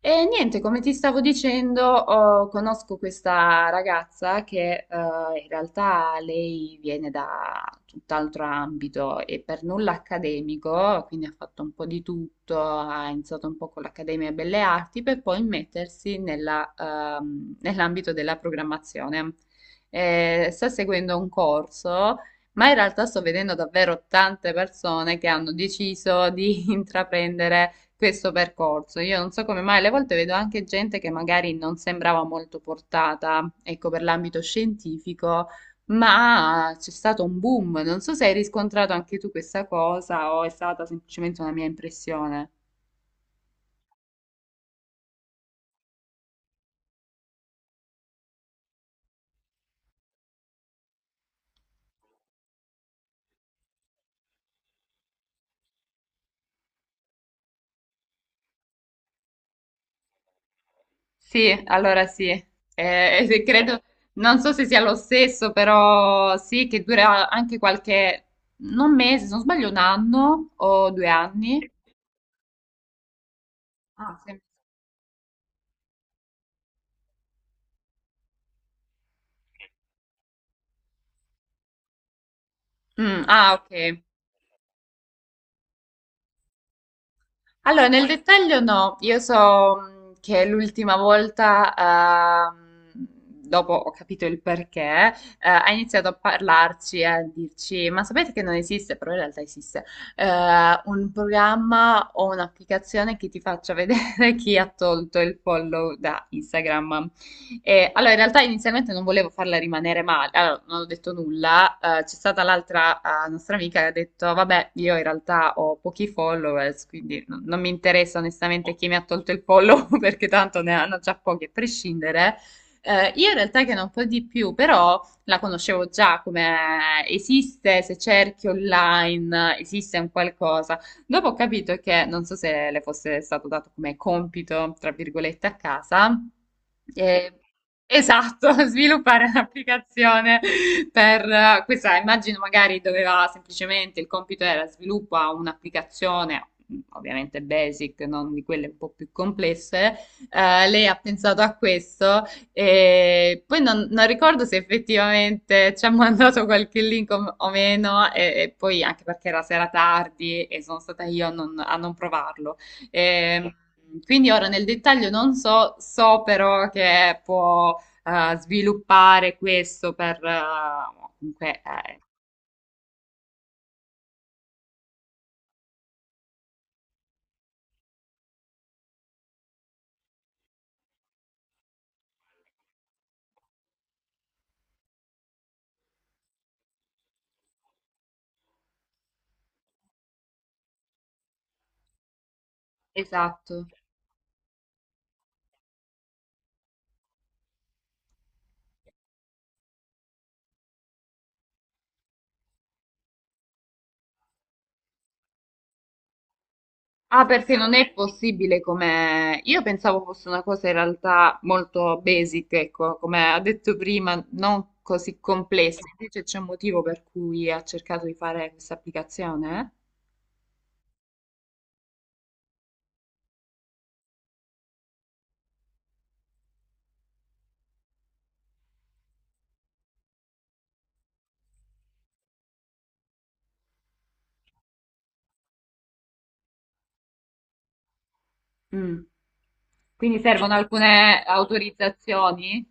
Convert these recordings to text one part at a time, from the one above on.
E niente, come ti stavo dicendo, conosco questa ragazza che in realtà lei viene da tutt'altro ambito e per nulla accademico, quindi ha fatto un po' di tutto, ha iniziato un po' con l'Accademia Belle Arti per poi mettersi nell'ambito della programmazione. Sta seguendo un corso. Ma in realtà sto vedendo davvero tante persone che hanno deciso di intraprendere questo percorso. Io non so come mai, alle volte vedo anche gente che magari non sembrava molto portata, ecco, per l'ambito scientifico, ma c'è stato un boom. Non so se hai riscontrato anche tu questa cosa o è stata semplicemente una mia impressione. Sì, allora sì, se credo, non so se sia lo stesso, però sì, che dura anche qualche, non mese, se non sbaglio, un anno o due anni. Ah, sì. Mm, ah, ok. Allora, nel dettaglio no, io so che l'ultima volta, dopo ho capito il perché, ha iniziato a parlarci e a dirci, ma sapete che non esiste, però in realtà esiste, eh, un programma o un'applicazione che ti faccia vedere chi ha tolto il follow da Instagram. Allora, in realtà inizialmente non volevo farla rimanere male, allora, non ho detto nulla. C'è stata l'altra nostra amica che ha detto: Vabbè, io in realtà ho pochi followers, quindi non mi interessa onestamente chi mi ha tolto il follow perché tanto ne hanno già pochi a prescindere. Io in realtà che non po' di più, però la conoscevo già come esiste, se cerchi online esiste un qualcosa. Dopo ho capito che, non so se le fosse stato dato come compito, tra virgolette, a casa, eh, esatto, sviluppare un'applicazione per questa, immagino magari doveva semplicemente, il compito era sviluppa un'applicazione, ovviamente basic, non di quelle un po' più complesse, lei ha pensato a questo e poi non ricordo se effettivamente ci ha mandato qualche link o meno, e poi anche perché era sera tardi e sono stata io a non provarlo. Ehm, quindi ora nel dettaglio non so, so però che può sviluppare questo per... comunque, esatto. Ah, perché non è possibile come... Io pensavo fosse una cosa in realtà molto basic, ecco, come ha detto prima, non così complessa. Invece c'è un motivo per cui ha cercato di fare questa applicazione? Eh? Mm. Quindi servono alcune autorizzazioni?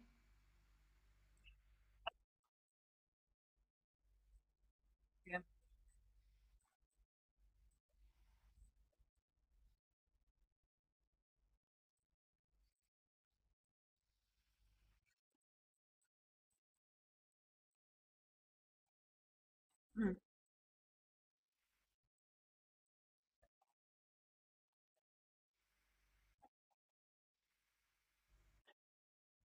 Sì.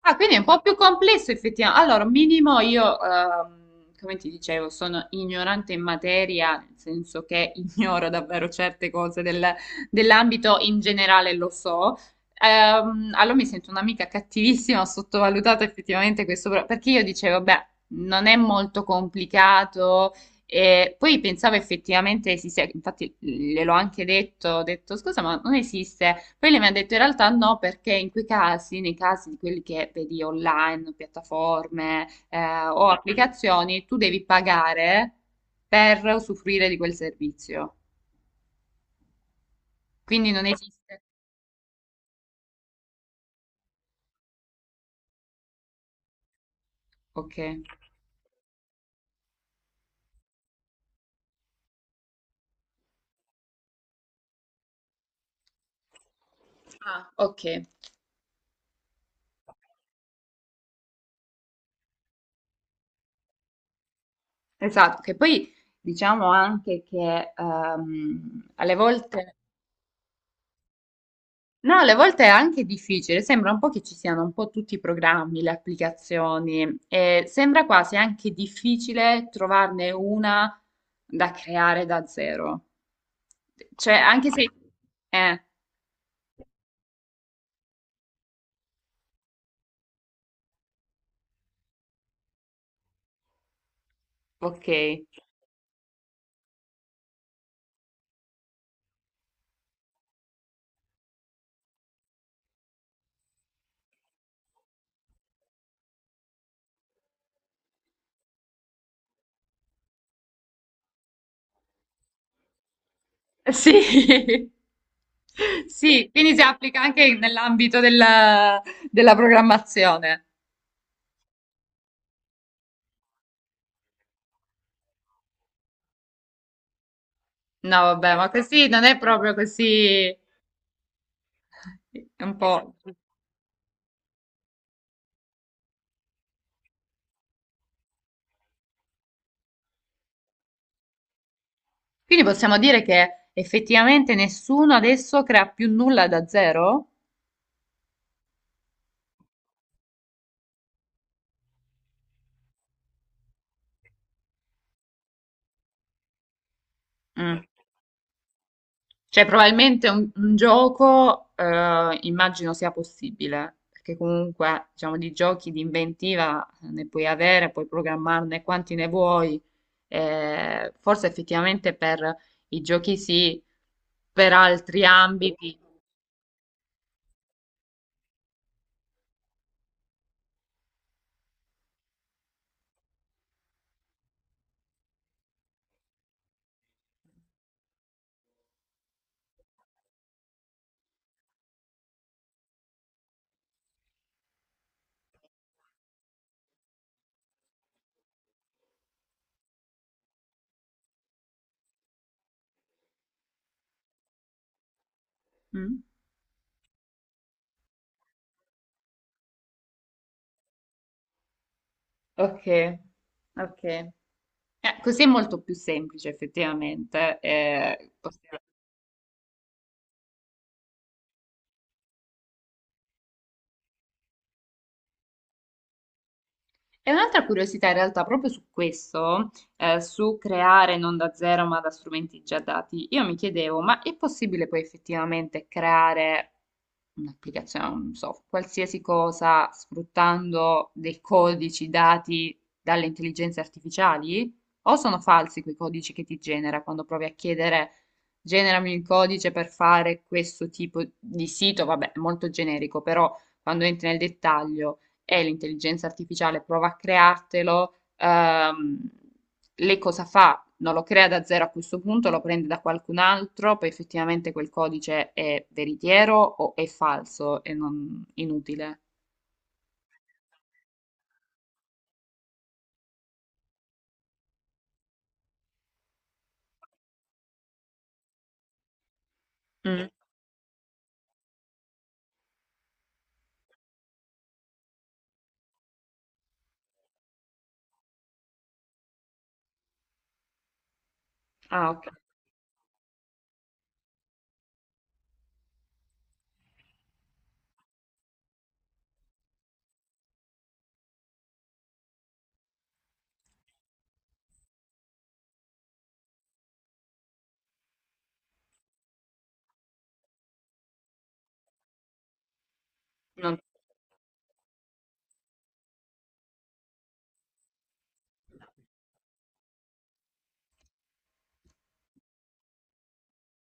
Ah, quindi è un po' più complesso effettivamente. Allora, minimo io, come ti dicevo, sono ignorante in materia, nel senso che ignoro davvero certe cose dell'ambito in generale, lo so. Allora mi sento un'amica cattivissima, ho sottovalutato effettivamente questo, perché io dicevo, beh, non è molto complicato, e poi pensavo effettivamente esiste, infatti gliel'ho anche detto, ho detto scusa, ma non esiste. Poi lei mi ha detto in realtà no, perché in quei casi, nei casi di quelli che vedi online, piattaforme o applicazioni, tu devi pagare per usufruire di quel servizio. Quindi non esiste. Ok. Ah, ok, esatto, che poi diciamo anche che alle volte no, alle volte è anche difficile, sembra un po' che ci siano un po' tutti i programmi, le applicazioni e sembra quasi anche difficile trovarne una da creare da zero. Cioè, anche se... Eh, ok. Sì. Sì, quindi si applica anche nell'ambito della programmazione. No, vabbè, ma così non è proprio così, è un po'. Quindi possiamo dire che effettivamente nessuno adesso crea più nulla da zero? Mm. Cioè, probabilmente un gioco, immagino sia possibile, perché comunque, diciamo, di giochi di inventiva ne puoi avere, puoi programmarne quanti ne vuoi. Forse effettivamente per i giochi sì, per altri ambiti. Mm. Ok, ok. Così è molto più semplice, effettivamente. E un'altra curiosità in realtà proprio su questo, su creare non da zero ma da strumenti già dati, io mi chiedevo, ma è possibile poi effettivamente creare un'applicazione, non so, qualsiasi cosa sfruttando dei codici dati dalle intelligenze artificiali? O sono falsi quei codici che ti genera quando provi a chiedere, generami il codice per fare questo tipo di sito? Vabbè, molto generico, però quando entri nel dettaglio e l'intelligenza artificiale prova a creartelo, lei cosa fa? Non lo crea da zero a questo punto, lo prende da qualcun altro, poi effettivamente quel codice è veritiero o è falso e non inutile. Mm. Ah, ok. Non-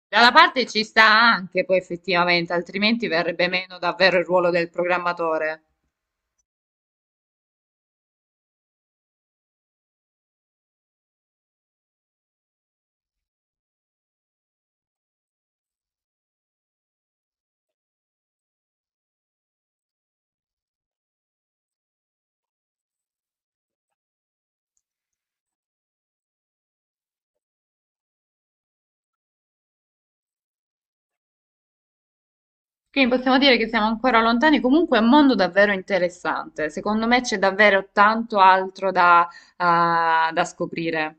Dalla parte ci sta anche poi effettivamente, altrimenti verrebbe meno davvero il ruolo del programmatore. Quindi possiamo dire che siamo ancora lontani, comunque è un mondo davvero interessante. Secondo me c'è davvero tanto altro da da scoprire.